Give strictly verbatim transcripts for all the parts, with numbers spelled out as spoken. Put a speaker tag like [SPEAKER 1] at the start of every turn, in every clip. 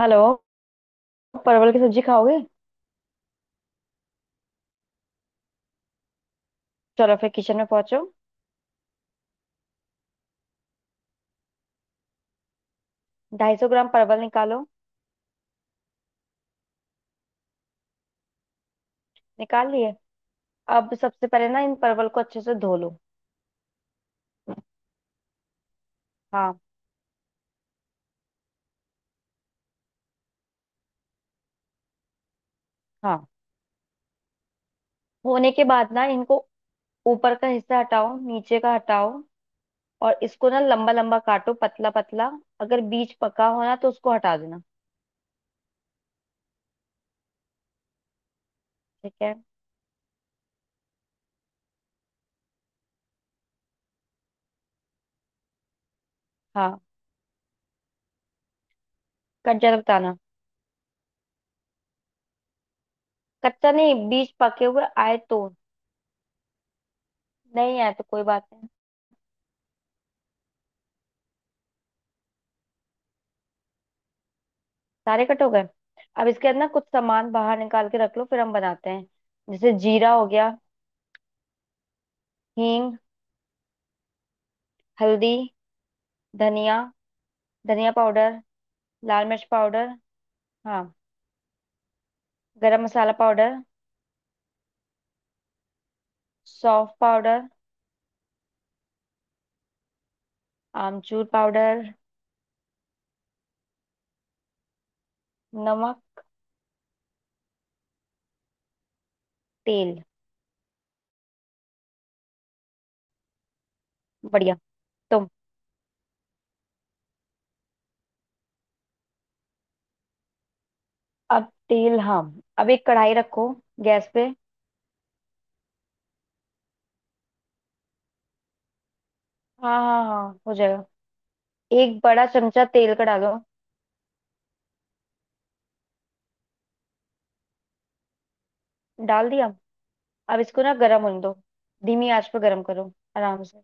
[SPEAKER 1] Hello. परवल की सब्जी खाओगे? चलो फिर किचन में पहुंचो। ढाई सौ ग्राम परवल निकालो। निकाल लिए? अब सबसे पहले ना इन परवल को अच्छे से धो लो। हाँ। हाँ, होने के बाद ना इनको ऊपर का हिस्सा हटाओ, नीचे का हटाओ, और इसको ना लंबा लंबा काटो, पतला पतला। अगर बीज पका हो ना तो उसको हटा देना। ठीक है। हाँ। कट जाए तो बताना। कच्चा नहीं, बीज पके हुए आए तो? नहीं आए तो कोई बात। सारे कट हो गए? अब इसके अंदर ना कुछ सामान बाहर निकाल के रख लो फिर हम बनाते हैं। जैसे जीरा हो गया, हींग, हल्दी, धनिया, धनिया पाउडर, लाल मिर्च पाउडर। हाँ। गरम मसाला पाउडर, सौंफ पाउडर, आमचूर पाउडर, नमक, तेल। बढ़िया। तो अब तेल। हाँ, अब एक कढ़ाई रखो, गैस पे। हाँ हाँ हाँ, हो जाएगा। एक बड़ा चमचा तेल का डालो। डाल दिया? अब इसको ना गर्म होने दो। धीमी आंच पर गर्म करो, आराम से।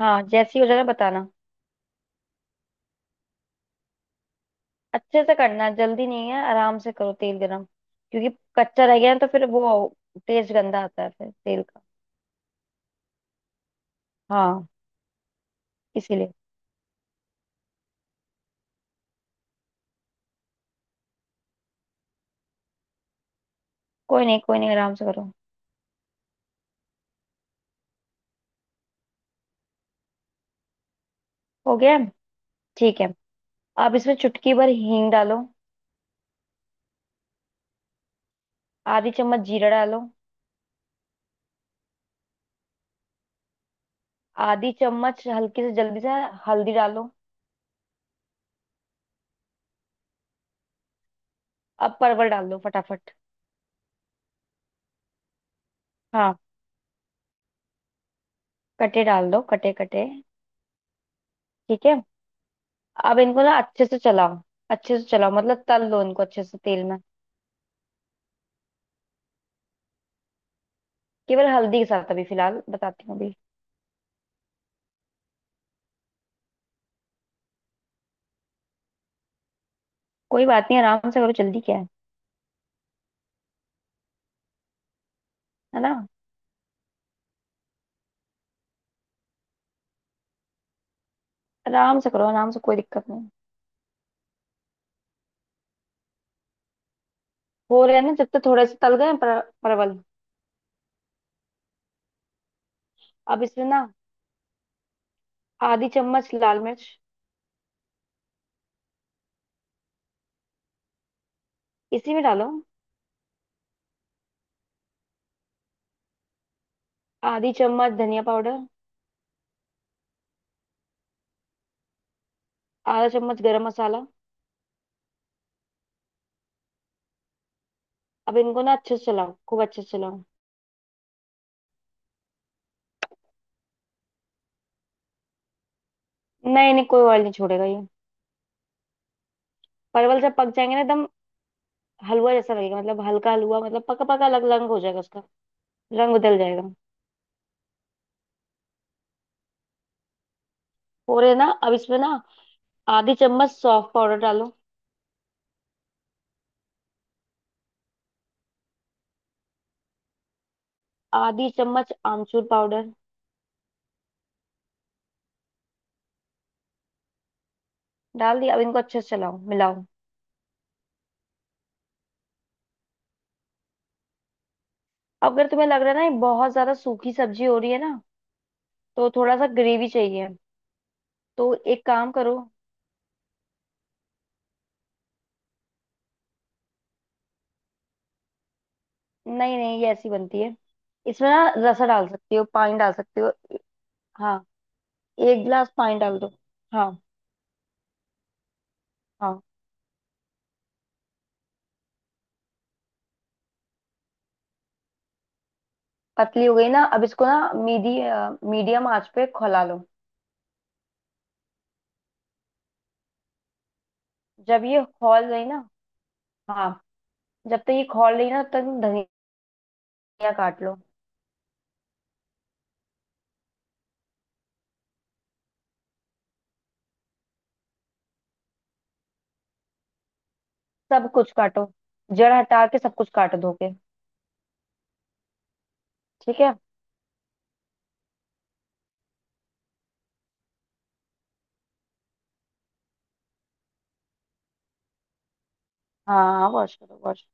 [SPEAKER 1] हाँ, जैसे ही हो जाए ना बताना। अच्छे से करना है, जल्दी नहीं है, आराम से करो तेल गरम। क्योंकि कच्चा रह गया है तो फिर वो टेस्ट गंदा आता है फिर तेल का। हाँ, इसीलिए। कोई नहीं कोई नहीं, आराम से करो। हो गया है? ठीक है। अब इसमें चुटकी भर हींग डालो। आधी चम्मच जीरा डालो। आधी चम्मच हल्की से जल्दी से हल्दी डालो। अब परवल डाल दो फटाफट। हाँ, कटे डाल दो, कटे कटे। ठीक है। अब इनको ना अच्छे से चलाओ। अच्छे से चलाओ मतलब तल लो इनको अच्छे से तेल में। केवल हल्दी के साथ अभी फिलहाल, बताती हूँ अभी। कोई बात नहीं, आराम से करो, जल्दी क्या है। है ना? आराम से करो आराम से, कोई दिक्कत नहीं। हो रहे हैं ना, जब तक थोड़े से तल गए पर, परवल। अब इसमें ना आधी चम्मच लाल मिर्च। इसी में डालो। आधी चम्मच धनिया पाउडर, आधा चम्मच गरम मसाला। अब इनको ना अच्छे से चलाओ, खूब अच्छे से चलाओ। नहीं नहीं, कोई ऑयल नहीं छोड़ेगा ये। परवल जब पक जाएंगे ना एकदम हलवा जैसा लगेगा, मतलब हल्का हलवा, मतलब पका पका, अलग रंग हो जाएगा उसका, रंग बदल जाएगा। हो रहे हैं ना? अब इसमें ना आधी चम्मच सौंफ पाउडर डालो। आधी चम्मच आमचूर पाउडर। डाल दिया? अब इनको अच्छे से चलाओ, मिलाओ। अब अगर तुम्हें लग रहा है ना ये बहुत ज्यादा सूखी सब्जी हो रही है ना तो थोड़ा सा ग्रेवी चाहिए, तो एक काम करो। नहीं नहीं, ये ऐसी बनती है। इसमें ना रसा डाल सकती हो, पानी डाल सकती हो। हाँ, एक गिलास पानी डाल दो। हाँ हाँ। पतली हो गई ना? अब इसको ना मीडी मीडियम आंच पे खौला लो। जब ये खौल गई ना, हाँ, जब तक ये खौल रही ना तब तक धनिया काट लो। सब कुछ काटो, जड़ हटा के सब कुछ काट दो के। ठीक है। हाँ, वॉश करो, वॉश।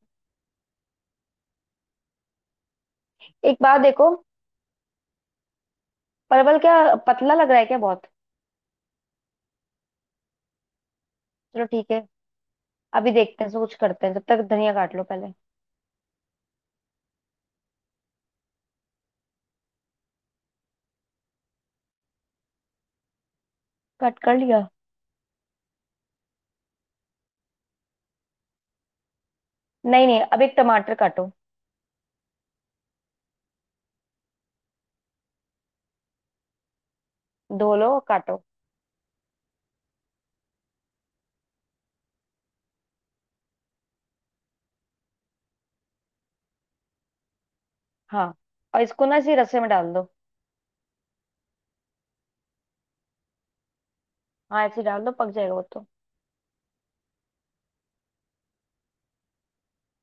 [SPEAKER 1] एक बात देखो, परवल क्या पतला लग रहा है क्या बहुत? चलो ठीक है, अभी देखते हैं इसको कुछ करते हैं, जब तक धनिया काट लो पहले। कट कर लिया? नहीं नहीं, अब एक टमाटर काटो। धो लो और काटो। हाँ, और इसको ना इसी रस्से में डाल दो। हाँ ऐसे ही डाल दो, पक जाएगा वो तो।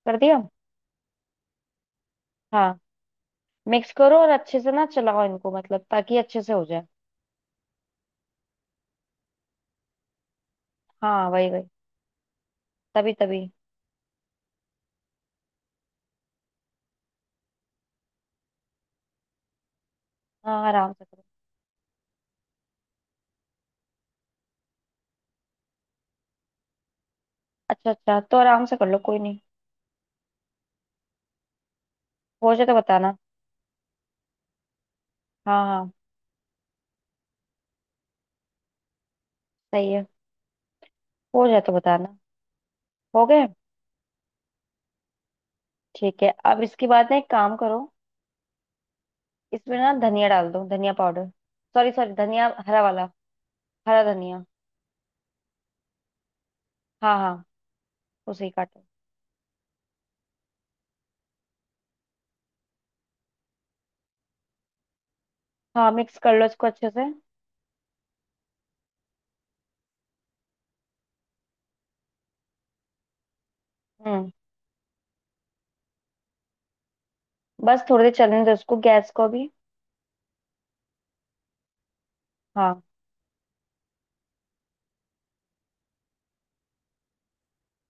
[SPEAKER 1] कर दिया? हाँ मिक्स करो, और अच्छे से ना चलाओ इनको, मतलब ताकि अच्छे से हो जाए। हाँ, वही वही, तभी तभी। हाँ आराम से करो। अच्छा अच्छा, तो आराम से कर लो, कोई नहीं। हो जाए तो बताना। हाँ हाँ। सही है। हो जाए तो बताना। हो गए? ठीक है, अब इसके बाद ना एक काम करो, इसमें ना धनिया डाल दो, धनिया पाउडर, सॉरी सॉरी, धनिया हरा वाला, हरा धनिया। हाँ हाँ, उसे ही काटो। हाँ, मिक्स कर लो इसको अच्छे से। हम्म। बस थोड़ी देर चलने दो, इसको गैस को भी। हाँ।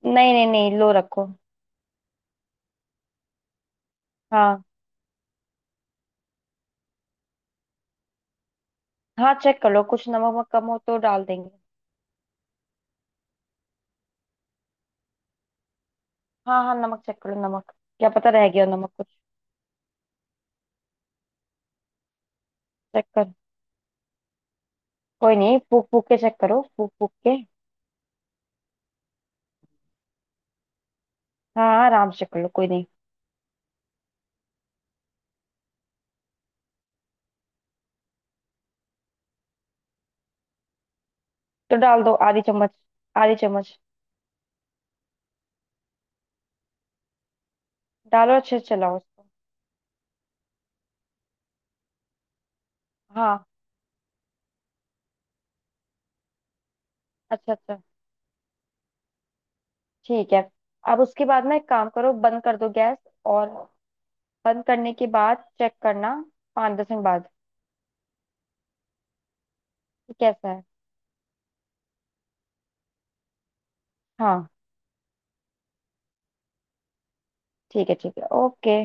[SPEAKER 1] नहीं नहीं नहीं, लो रखो। हाँ, हाँ चेक कर लो, कुछ नमक वमक कम हो तो डाल देंगे। हाँ हाँ, नमक चेक कर लो नमक। क्या पता रह गया हो नमक कुछ। चेक कर। कोई नहीं, फूक फूक के चेक करो, फूक फूक के। हाँ हाँ, आराम से कर लो, कोई नहीं। तो डाल दो आधी चम्मच, आधी चम्मच। डालो अच्छे से चलाओ उसको। हाँ। अच्छा अच्छा, ठीक है, अब उसके बाद ना एक काम करो, बंद कर दो गैस। और बंद करने के बाद चेक करना, पाँच दस मिनट बाद, कि कैसा है। हाँ, ठीक है ठीक है, ओके।